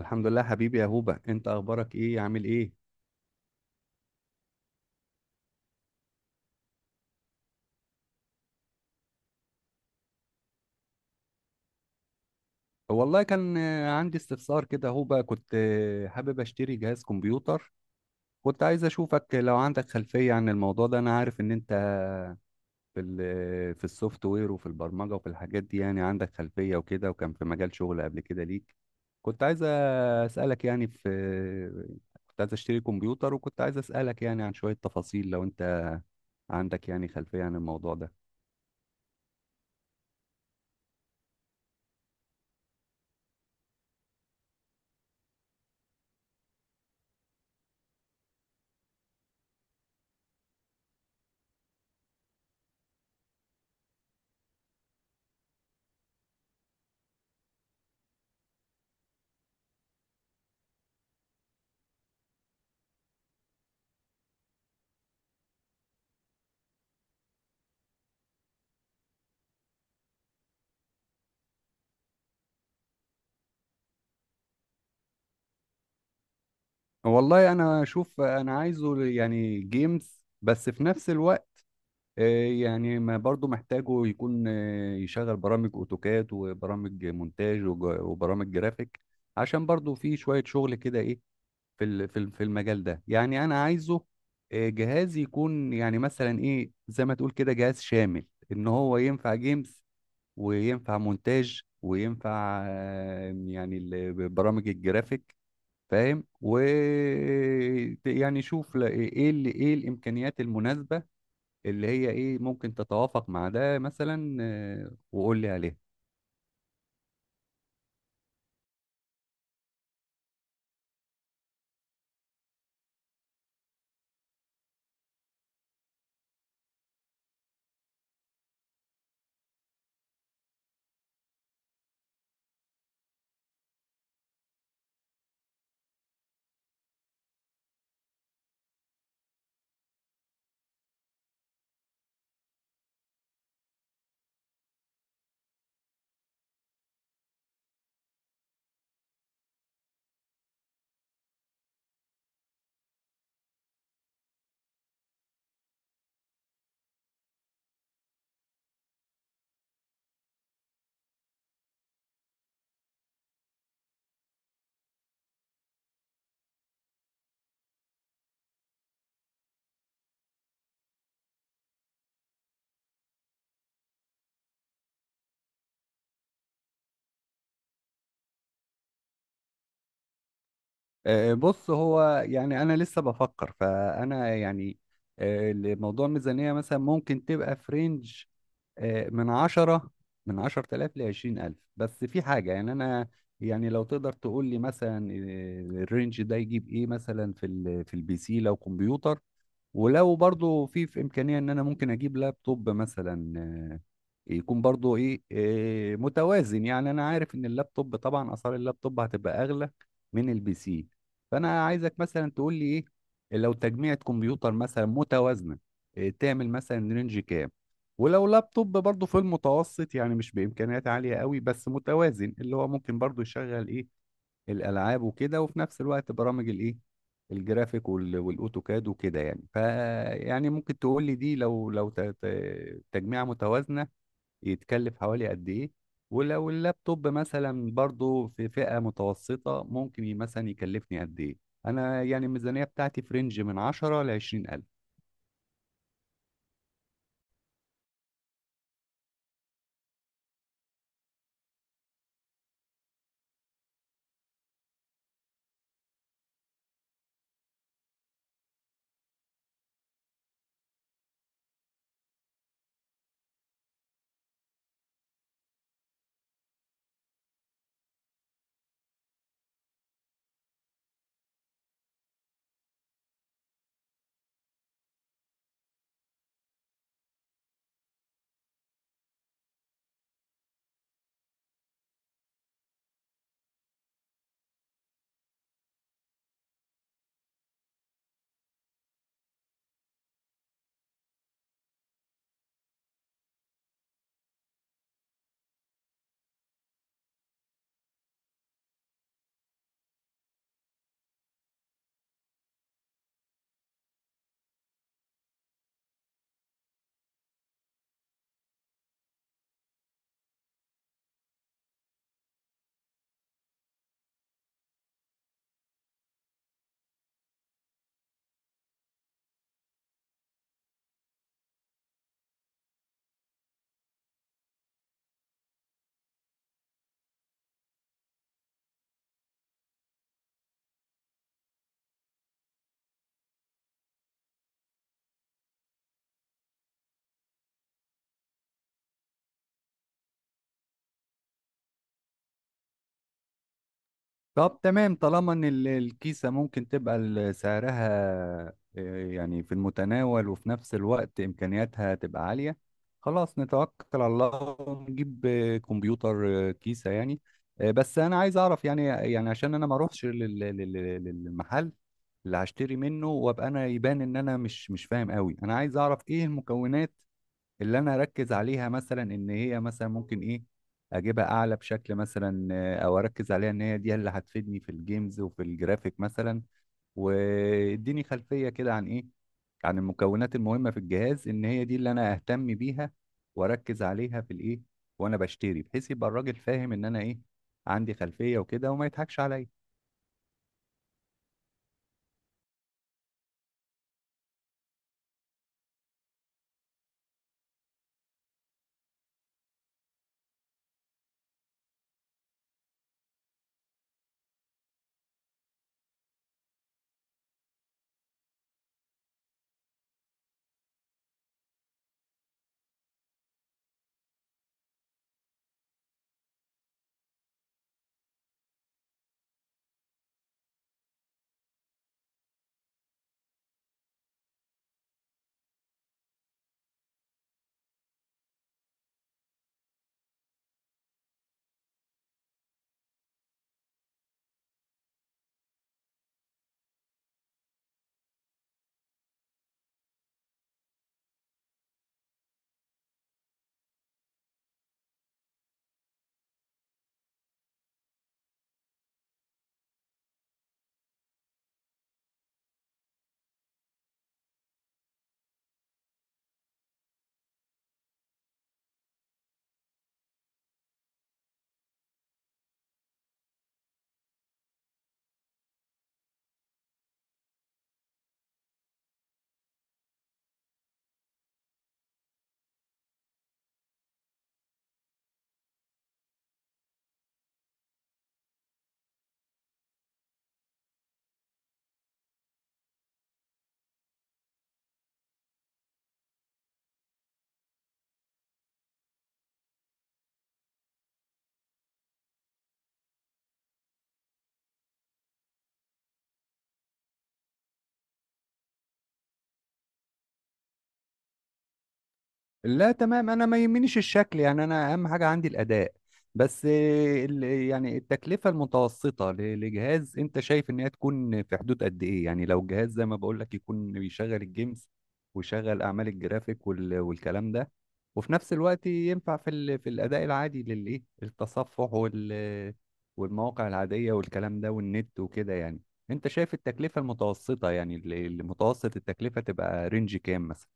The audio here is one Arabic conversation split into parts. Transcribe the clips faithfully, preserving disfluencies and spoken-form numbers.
الحمد لله حبيبي يا هوبا، انت اخبارك ايه؟ عامل ايه؟ والله كان آه، عندي استفسار كده يا هوبا. كنت آه، حابب اشتري جهاز كمبيوتر. كنت عايز اشوفك لو عندك خلفية عن الموضوع ده. انا عارف ان انت في ال- في السوفت وير وفي البرمجة وفي الحاجات دي، يعني عندك خلفية وكده، وكان في مجال شغل قبل كده ليك. كنت عايز اسالك يعني في كنت عايز اشتري كمبيوتر، وكنت عايز اسالك يعني عن شوية تفاصيل لو انت عندك يعني خلفية عن الموضوع ده. والله انا اشوف انا عايزه يعني جيمز، بس في نفس الوقت آه، يعني ما برضو محتاجه يكون آه، يشغل برامج اوتوكاد وبرامج مونتاج وج- وبرامج جرافيك، عشان برضو في شوية شغل كده ايه في ال- في ال- في المجال ده. يعني انا عايزه آه، جهاز يكون يعني مثلا ايه زي ما تقول كده جهاز شامل، ان هو ينفع جيمز وينفع مونتاج وينفع آه، يعني ال- برامج الجرافيك. فاهم؟ و يعني شوف، لا- ايه اللي ايه الامكانيات المناسبه اللي هي ايه ممكن تتوافق مع ده مثلا، آه، وقول لي عليها. آه، بص، هو يعني انا لسه بفكر، فانا يعني آه، لموضوع الميزانيه مثلا ممكن تبقى في رينج آه، من عشرة من عشرة آلاف ل عشرين ألف. بس في حاجه يعني انا، يعني لو تقدر تقول لي مثلا آه، الرينج ده يجيب ايه مثلا في ال- في البي سي لو كمبيوتر، ولو برضو في في امكانيه ان انا ممكن اجيب لابتوب مثلا، يكون برضو ايه إيه متوازن. يعني انا عارف ان اللابتوب طبعا، اسعار اللابتوب هتبقى اغلى من البي سي. فانا عايزك مثلا تقول لي ايه، لو تجميعة كمبيوتر مثلا متوازنه، إيه تعمل مثلا رينج كام؟ ولو لابتوب برضو في المتوسط، يعني مش بامكانيات عاليه قوي بس متوازن، اللي هو ممكن برضو يشغل ايه الالعاب وكده، وفي نفس الوقت برامج الايه الجرافيك وال- والاوتوكاد وكده يعني. فيعني ممكن تقول لي دي، لو لو ت- ت- تجميعة متوازنة، يتكلف حوالي قد ايه؟ ولو اللابتوب مثلا برضو في فئة متوسطة ممكن ي- مثلا يكلفني قد ايه؟ انا يعني الميزانية بتاعتي في رينج من عشرة ل عشرين ألف. طب تمام، طالما ان ال- الكيسة ممكن تبقى ال- سعرها آه، يعني في المتناول، وفي نفس الوقت امكانياتها تبقى عالية، خلاص نتوكل على الله ونجيب آه، كمبيوتر، آه، كيسة يعني. آه، بس انا عايز اعرف يعني، يعني عشان انا ما اروحش لل- لل- لل- للمحل اللي هشتري منه وابقى انا يبان ان انا مش مش فاهم قوي. انا عايز اعرف ايه المكونات اللي انا اركز عليها، مثلا ان هي مثلا ممكن ايه اجيبها اعلى بشكل مثلا، آه، او اركز عليها ان هي دي اللي هتفيدني في الجيمز وفي الجرافيك مثلا. واديني خلفية كده عن ايه، عن المكونات المهمة في الجهاز ان هي دي اللي انا اهتم بيها واركز عليها في الايه وانا بشتري، بحيث يبقى الراجل فاهم ان انا ايه عندي خلفية وكده وما يضحكش عليا. لا تمام، انا ما يهمنيش الشكل، يعني انا اهم حاجه عندي الاداء. بس آه، ال- يعني التكلفه المتوسطه ل- لجهاز انت شايف ان هي تكون في حدود قد ايه؟ يعني لو جهاز زي ما بقول لك يكون بيشغل الجيمز ويشغل اعمال الجرافيك وال- والكلام ده، وفي نفس الوقت ينفع في ال- في الاداء العادي للايه التصفح وال والمواقع العاديه والكلام ده والنت وكده يعني. انت شايف التكلفه المتوسطه، يعني ال- المتوسط التكلفه تبقى رينج كام مثلا؟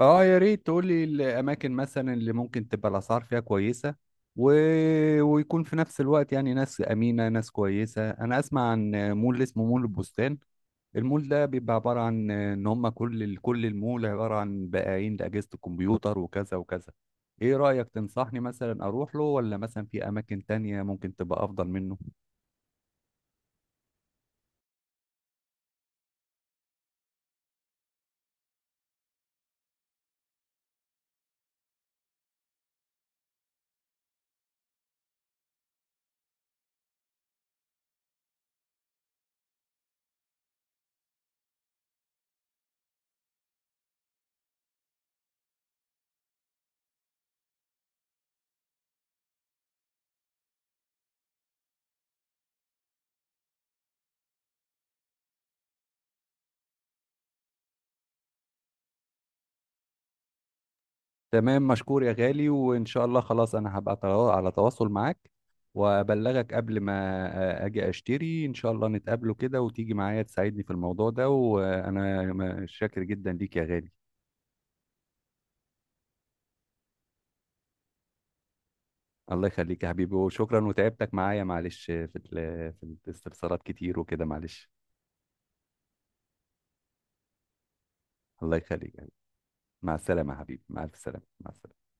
اه، يا ريت تقول لي الاماكن مثلا اللي ممكن تبقى الاسعار فيها كويسه و... ويكون في نفس الوقت يعني ناس امينه، ناس كويسه. انا اسمع عن مول اسمه مول البستان. المول ده بيبقى عباره عن ان هم كل كل المول عباره عن بائعين لاجهزه الكمبيوتر وكذا وكذا. ايه رايك، تنصحني مثلا اروح له، ولا مثلا في اماكن تانية ممكن تبقى افضل منه؟ تمام، مشكور يا غالي، وإن شاء الله خلاص. أنا هبقى توا- على تواصل معاك، وأبلغك قبل ما أجي أشتري. إن شاء الله نتقابله كده وتيجي معايا تساعدني في الموضوع ده، وأنا م- شاكر جدا ليك يا غالي. الله يخليك يا حبيبي وشكرا، وتعبتك معايا معلش، في ال- في الاستفسارات كتير وكده، معلش. الله يخليك يا حبيبي. مع السلامة يا حبيبي، مع ألف سلامة، مع السلامة.